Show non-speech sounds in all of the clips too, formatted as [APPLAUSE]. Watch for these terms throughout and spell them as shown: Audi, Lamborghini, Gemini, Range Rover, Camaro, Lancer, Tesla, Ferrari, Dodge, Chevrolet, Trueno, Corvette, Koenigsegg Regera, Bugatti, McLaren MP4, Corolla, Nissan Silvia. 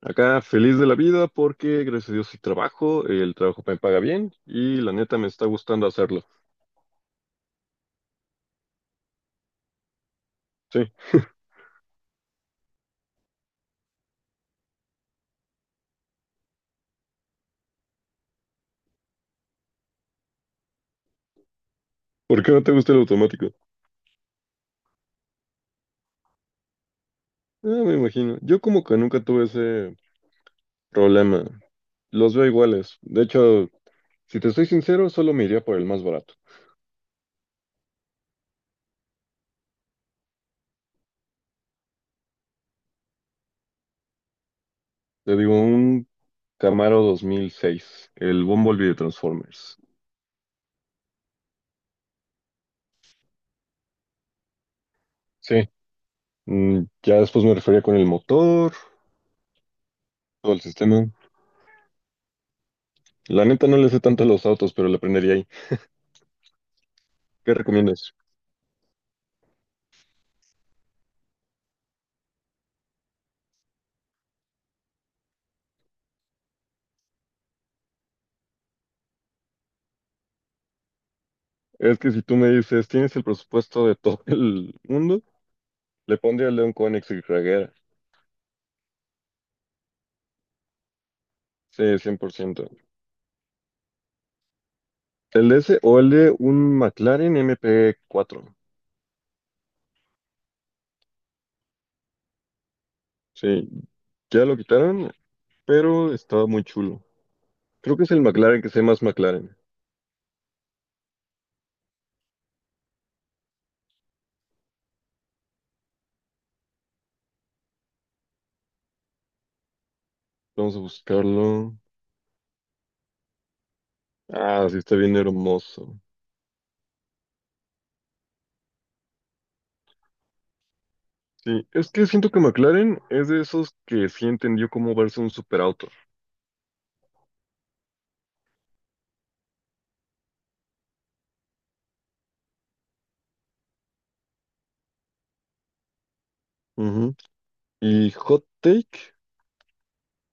Acá feliz de la vida porque gracias a Dios sí trabajo, el trabajo me paga bien y la neta me está gustando hacerlo. Sí. ¿Por qué no te gusta el automático? Ah, me imagino. Yo como que nunca tuve ese problema. Los veo iguales. De hecho, si te soy sincero, solo me iría por el más barato. Te digo, un Camaro 2006, el Bumblebee de Transformers. Sí. Ya después me refería con el motor, todo el sistema. La neta no le sé tanto a los autos, pero le aprendería ahí. ¿Qué recomiendas? Es que si tú me dices, tienes el presupuesto de todo el mundo, le pondría el de un Koenigsegg Regera. Sí, 100%. El de ese o el de un McLaren MP4. Sí, ya lo quitaron, pero estaba muy chulo. Creo que es el McLaren que se llama más McLaren. Vamos a buscarlo. Ah, sí, está bien hermoso. Sí, es que siento que McLaren es de esos que sí entendió cómo verse un superauto. Ujú. Y Hot Take,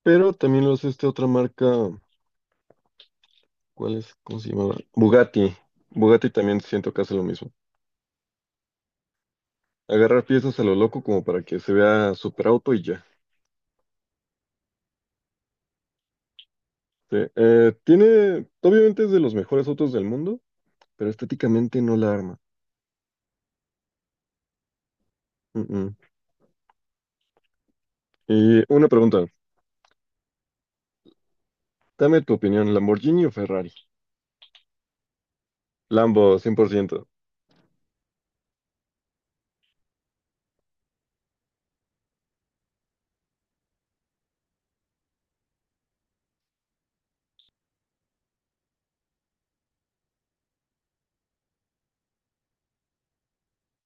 pero también lo hace esta otra marca. ¿Cuál es? ¿Cómo se llamaba? Bugatti. Bugatti también siento que hace lo mismo. Agarrar piezas a lo loco como para que se vea super auto y ya. Sí, tiene, obviamente es de los mejores autos del mundo, pero estéticamente no la arma. Mm, mm. Y una pregunta, dame tu opinión, ¿Lamborghini o Ferrari? Lambo, 100%.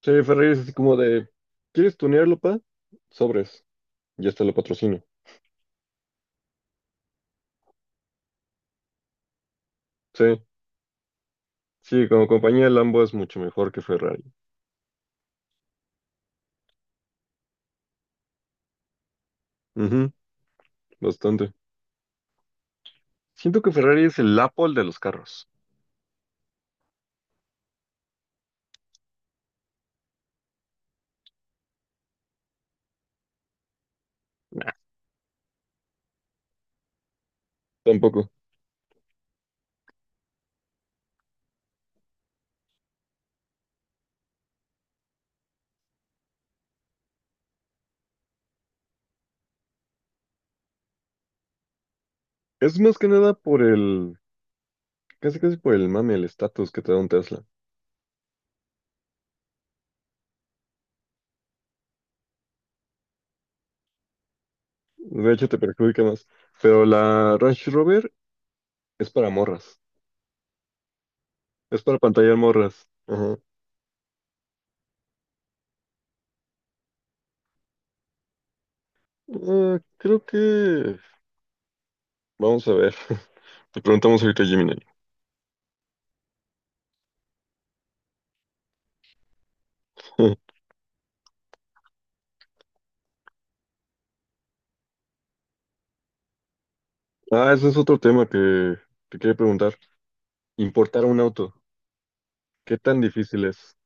Sí, Ferrari es así como de, ¿quieres tunearlo, pa? Sobres, ya hasta lo patrocino. Sí, sí, como compañía Lambo es mucho mejor que Ferrari. Ujú, bastante. Siento que Ferrari es el Apple de los carros. Nah, tampoco. Es más que nada por el, casi casi por el mame, el estatus que te da un Tesla. De hecho, te perjudica más. Pero la Range Rover es para morras. Es para pantallar morras. Ajá. Ah, creo que... Vamos a ver. [LAUGHS] Le preguntamos ahorita a Gemini. [LAUGHS] Ah, ese es otro tema que te quería preguntar. Importar un auto. ¿Qué tan difícil es?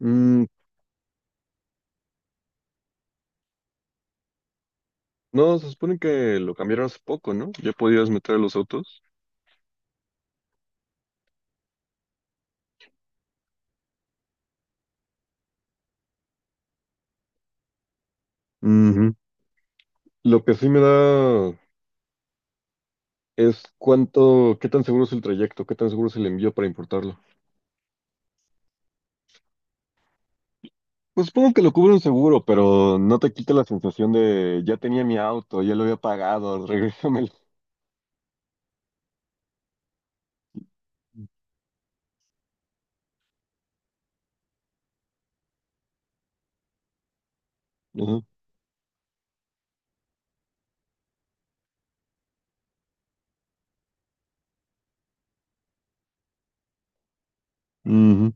Mm, no, se supone que lo cambiaron hace poco, ¿no? Ya podías meter los autos. Ujú. Lo que sí me da es cuánto, qué tan seguro es el trayecto, qué tan seguro es el envío para importarlo. Pues supongo que lo cubre un seguro, pero no te quita la sensación de ya tenía mi auto, ya lo había pagado, [LAUGHS] regrésamelo. Ajá. Ujú.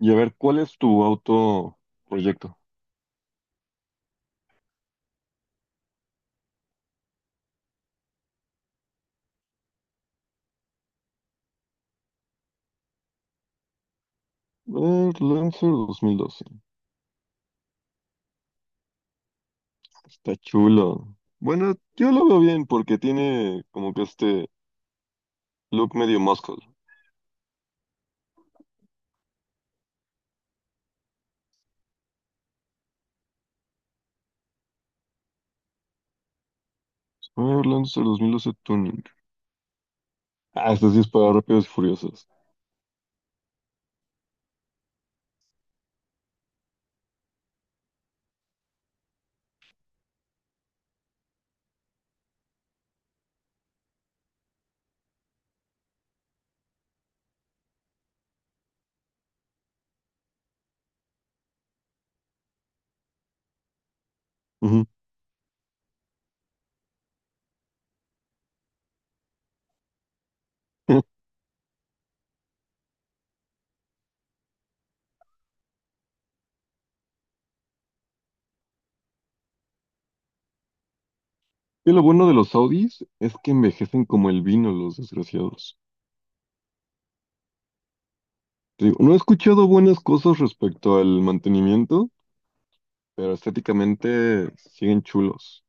Y a ver, ¿cuál es tu auto proyecto? Lancer 2012. Está chulo. Bueno, yo lo veo bien porque tiene como que este look medio muscle. A ver, Lancer 2012 Tuning. Ah, este sí es para rápidos y furiosos. Ujú. [LAUGHS] Y lo bueno de los Audis es que envejecen como el vino, los desgraciados. Te digo, no he escuchado buenas cosas respecto al mantenimiento, pero estéticamente siguen chulos.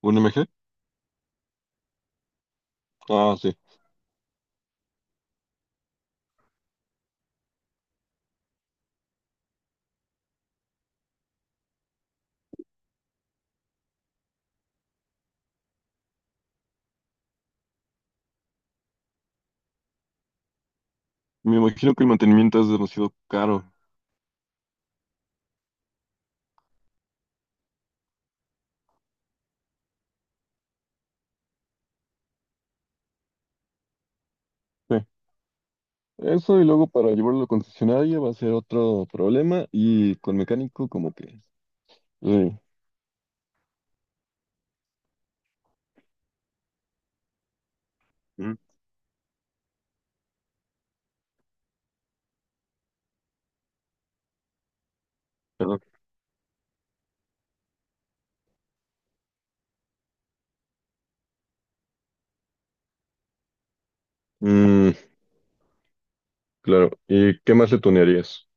¿Un m MG? Ah, sí. Me imagino que el mantenimiento es demasiado caro. Sí. Eso y luego para llevarlo al concesionario va a ser otro problema y con mecánico como que... Sí. Mm, perdón. Mm, claro. ¿Y qué más le tunearías?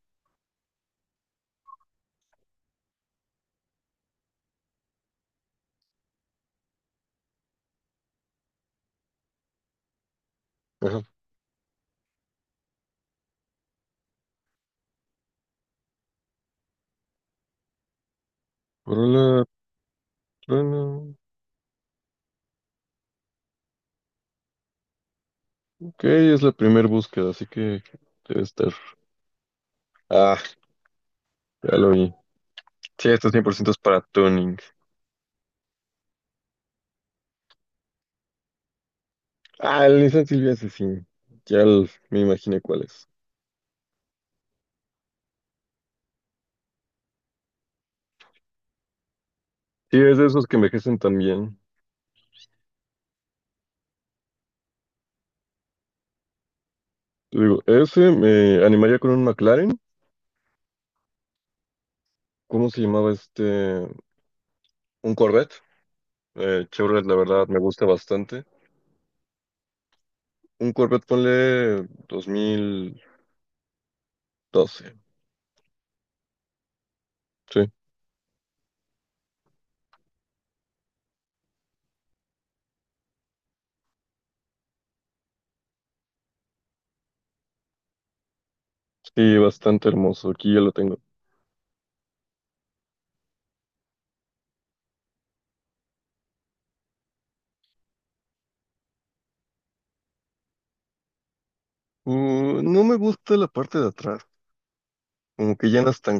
Ajá. Corolla, Trueno. Ok, es la primera búsqueda, así que debe estar. Ah, ya lo vi. Sí, estos 100% es para tuning. Ah, el Nissan Silvia, ese sí. Ya el- me imaginé cuál es. Sí, es de esos que envejecen tan bien. Te digo, ese me animaría con un McLaren. ¿Cómo se llamaba este? Un Corvette. Chevrolet, la verdad, me gusta bastante. Un Corvette, ponle 2012. Sí, sí, bastante hermoso. Aquí ya lo tengo. No me gusta la parte de atrás. Como que ya no es tan...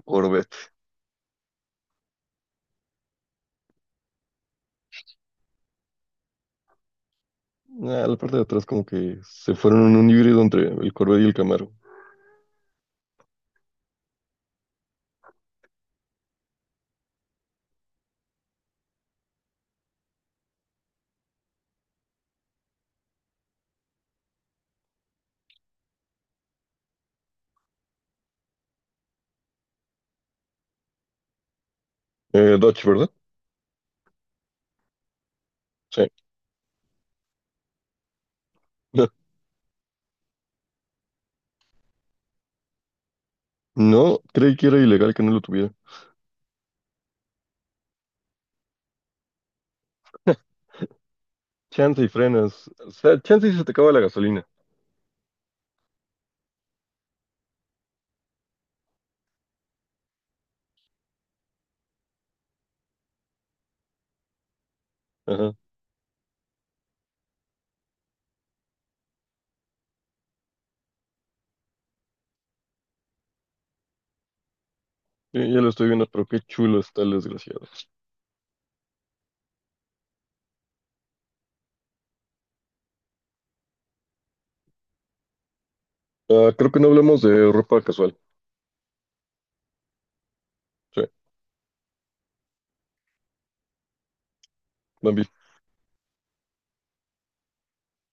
Ah, la parte de atrás como que se fueron en un híbrido entre el Corvette y el Camaro. Dodge, ¿verdad? Sí. [LAUGHS] No, creí que era ilegal que no lo tuviera. Chance y frenas. O sea, chance y se te acaba la gasolina. Ajá. Ya, ya lo estoy viendo, pero qué chulo está el desgraciado. Ah, creo que no hablamos de ropa casual. Sí, Bambi.